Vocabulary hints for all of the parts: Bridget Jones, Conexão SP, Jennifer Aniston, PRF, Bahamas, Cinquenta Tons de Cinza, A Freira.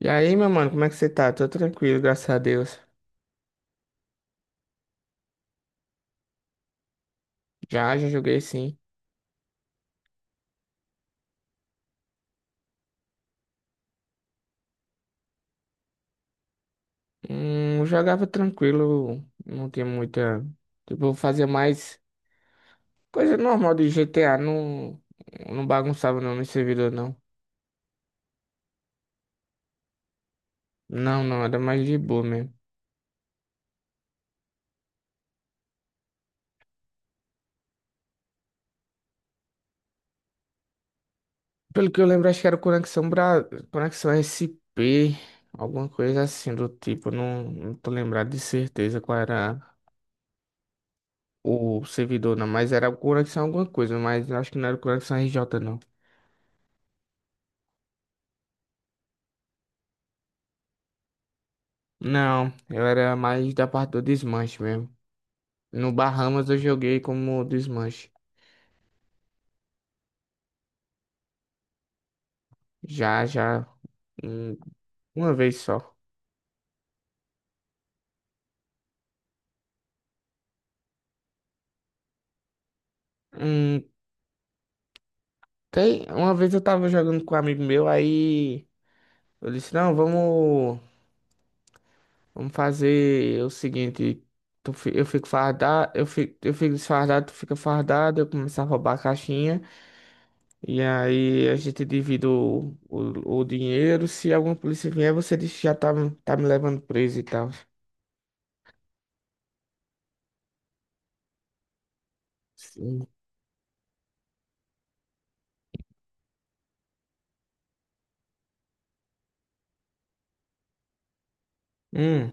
E aí, meu mano, como é que você tá? Tô tranquilo, graças a Deus. Já, joguei sim. Eu jogava tranquilo, não tinha muita. Tipo, eu fazia mais coisa normal de GTA, não bagunçava não no servidor, não. Não, era mais de boa mesmo. Pelo que eu lembro, acho que era Conexão Bra... Conexão SP, alguma coisa assim do tipo, não tô lembrado de certeza qual era o servidor, não, mas era Conexão alguma coisa, mas acho que não era Conexão RJ, não. Não, eu era mais da parte do desmanche mesmo. No Bahamas eu joguei como desmanche. Já, hum, uma vez só. Hum, tem, uma vez eu tava jogando com um amigo meu, aí eu disse, não, vamos fazer o seguinte, eu fico fardado, eu fico desfardado, tu fica fardado, eu começo a roubar a caixinha, e aí a gente divide o dinheiro, se alguma polícia vier, você diz que tá me levando preso e tal. Hum,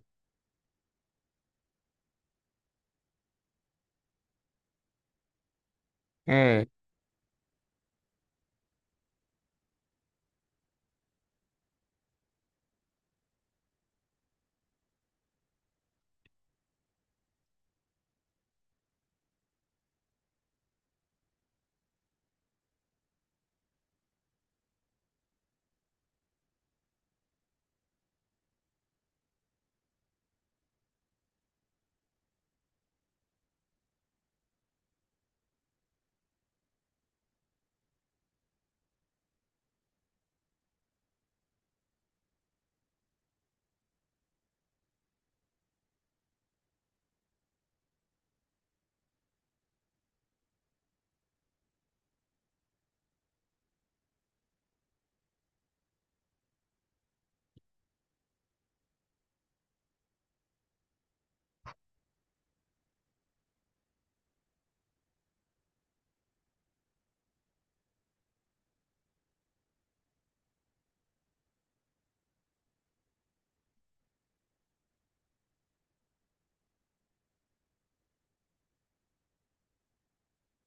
é.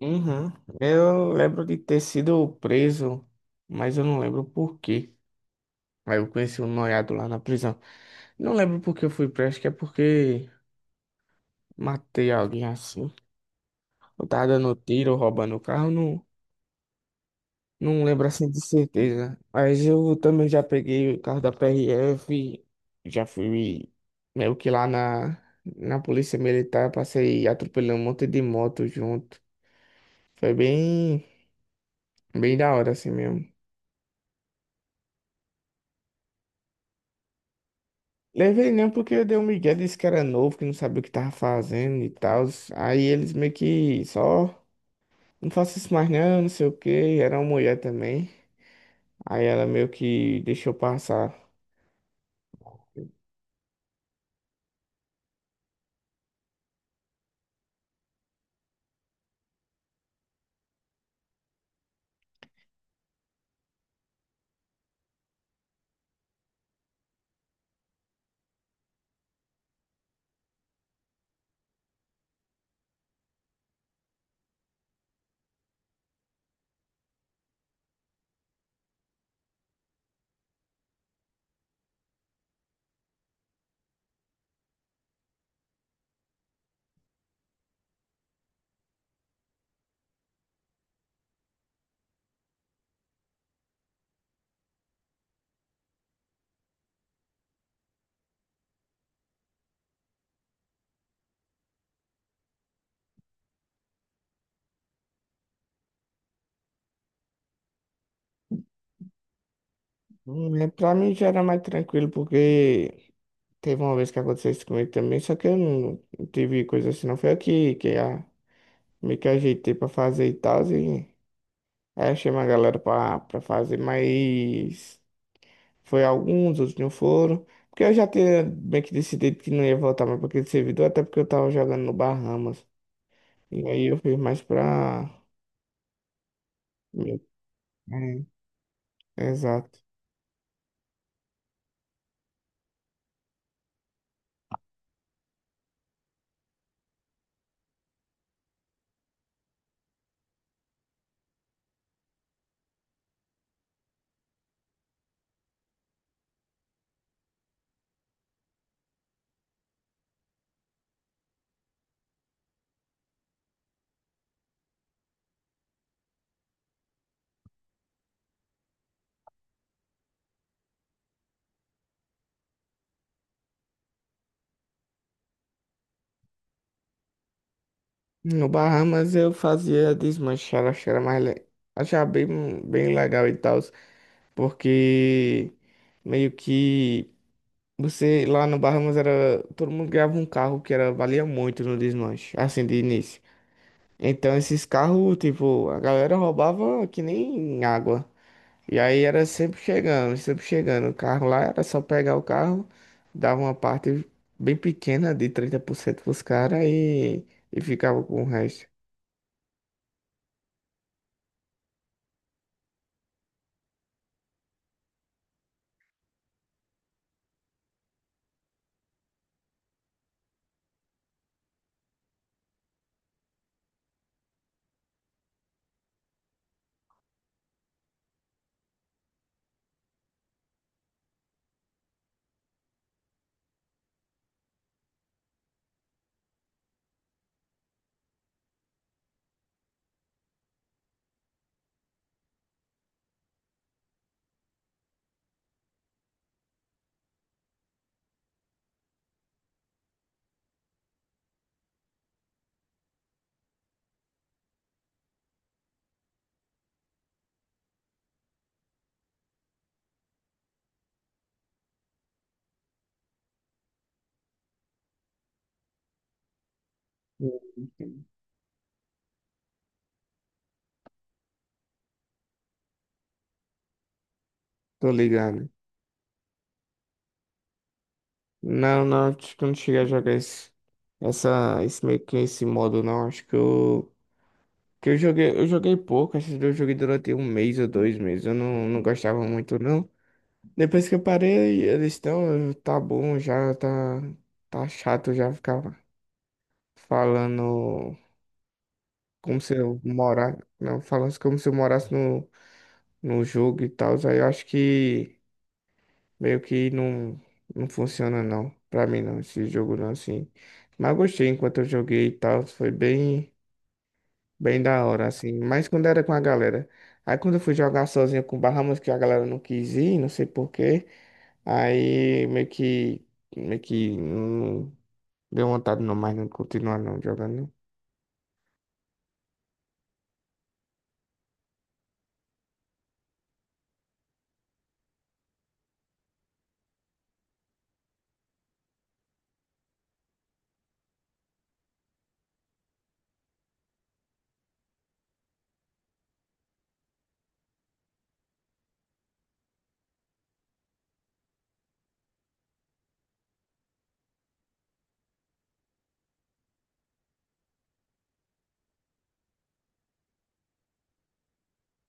Uhum. Eu lembro de ter sido preso, mas eu não lembro por quê. Aí eu conheci um noiado lá na prisão. Não lembro por que eu fui preso, acho que é porque matei alguém assim. Eu tava dando tiro, roubando o carro, não, não lembro assim de certeza. Mas eu também já peguei o carro da PRF, já fui meio que na polícia militar, passei atropelando um monte de moto junto. Foi bem, bem da hora assim mesmo. Levei não porque deu um migué, disse que era novo, que não sabia o que tava fazendo e tal. Aí eles meio que só, não faço isso mais não, não sei o quê. Era uma mulher também. Aí ela meio que deixou passar. Né, pra mim já era mais tranquilo, porque teve uma vez que aconteceu isso comigo também, só que eu não tive coisa assim, não. Foi aqui que a, meio que ajeitei pra fazer e tal. E aí achei uma galera pra fazer, mas. Foi alguns, outros não foram. Porque eu já tinha bem que decidido que não ia voltar mais para aquele servidor, até porque eu tava jogando no Bahamas. E aí eu fiz mais pra. meu- É, exato. No Bahamas eu fazia desmanchar, acho que era mais. Achava bem legal e tal, porque meio que você lá no Bahamas era. Todo mundo ganhava um carro que era, valia muito no desmanche, assim, de início. Então esses carros, tipo, a galera roubava que nem água. E aí era sempre chegando, sempre chegando. O carro lá era só pegar o carro, dava uma parte bem pequena de 30% pros caras e ficava com o resto. Hum. Tô ligado. Não, acho que eu não cheguei a jogar esse meio que esse modo não. Que eu joguei pouco, acho que eu joguei durante um mês ou dois meses. Eu não, não gostava muito não. Depois que eu parei, eles estão, tá chato já ficar falando como se eu morar, não, falando como se eu morasse no jogo e tal. Aí eu acho que meio que não, não funciona não, pra mim não, esse jogo não, assim. Mas eu gostei enquanto eu joguei e tal, foi bem da hora, assim. Mas quando era com a galera. Aí quando eu fui jogar sozinho com o Bahamas, que a galera não quis ir, não sei por quê. Aí meio que não deu vontade não mais não continuar não jogando.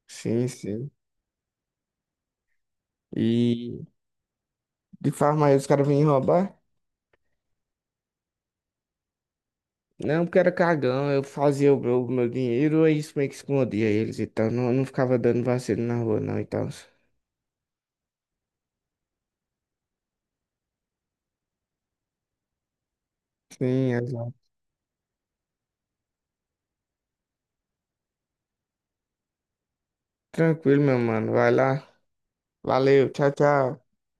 Sim. E de farmácia, os caras vinham roubar? Não, porque era cagão, eu fazia o meu dinheiro, aí isso meio que escondia eles e tal. Não ficava dando vacilo na rua, não, e tal. Sim, exato. Tranquilo, meu mano. Vai lá. Valeu, tchau, tchau.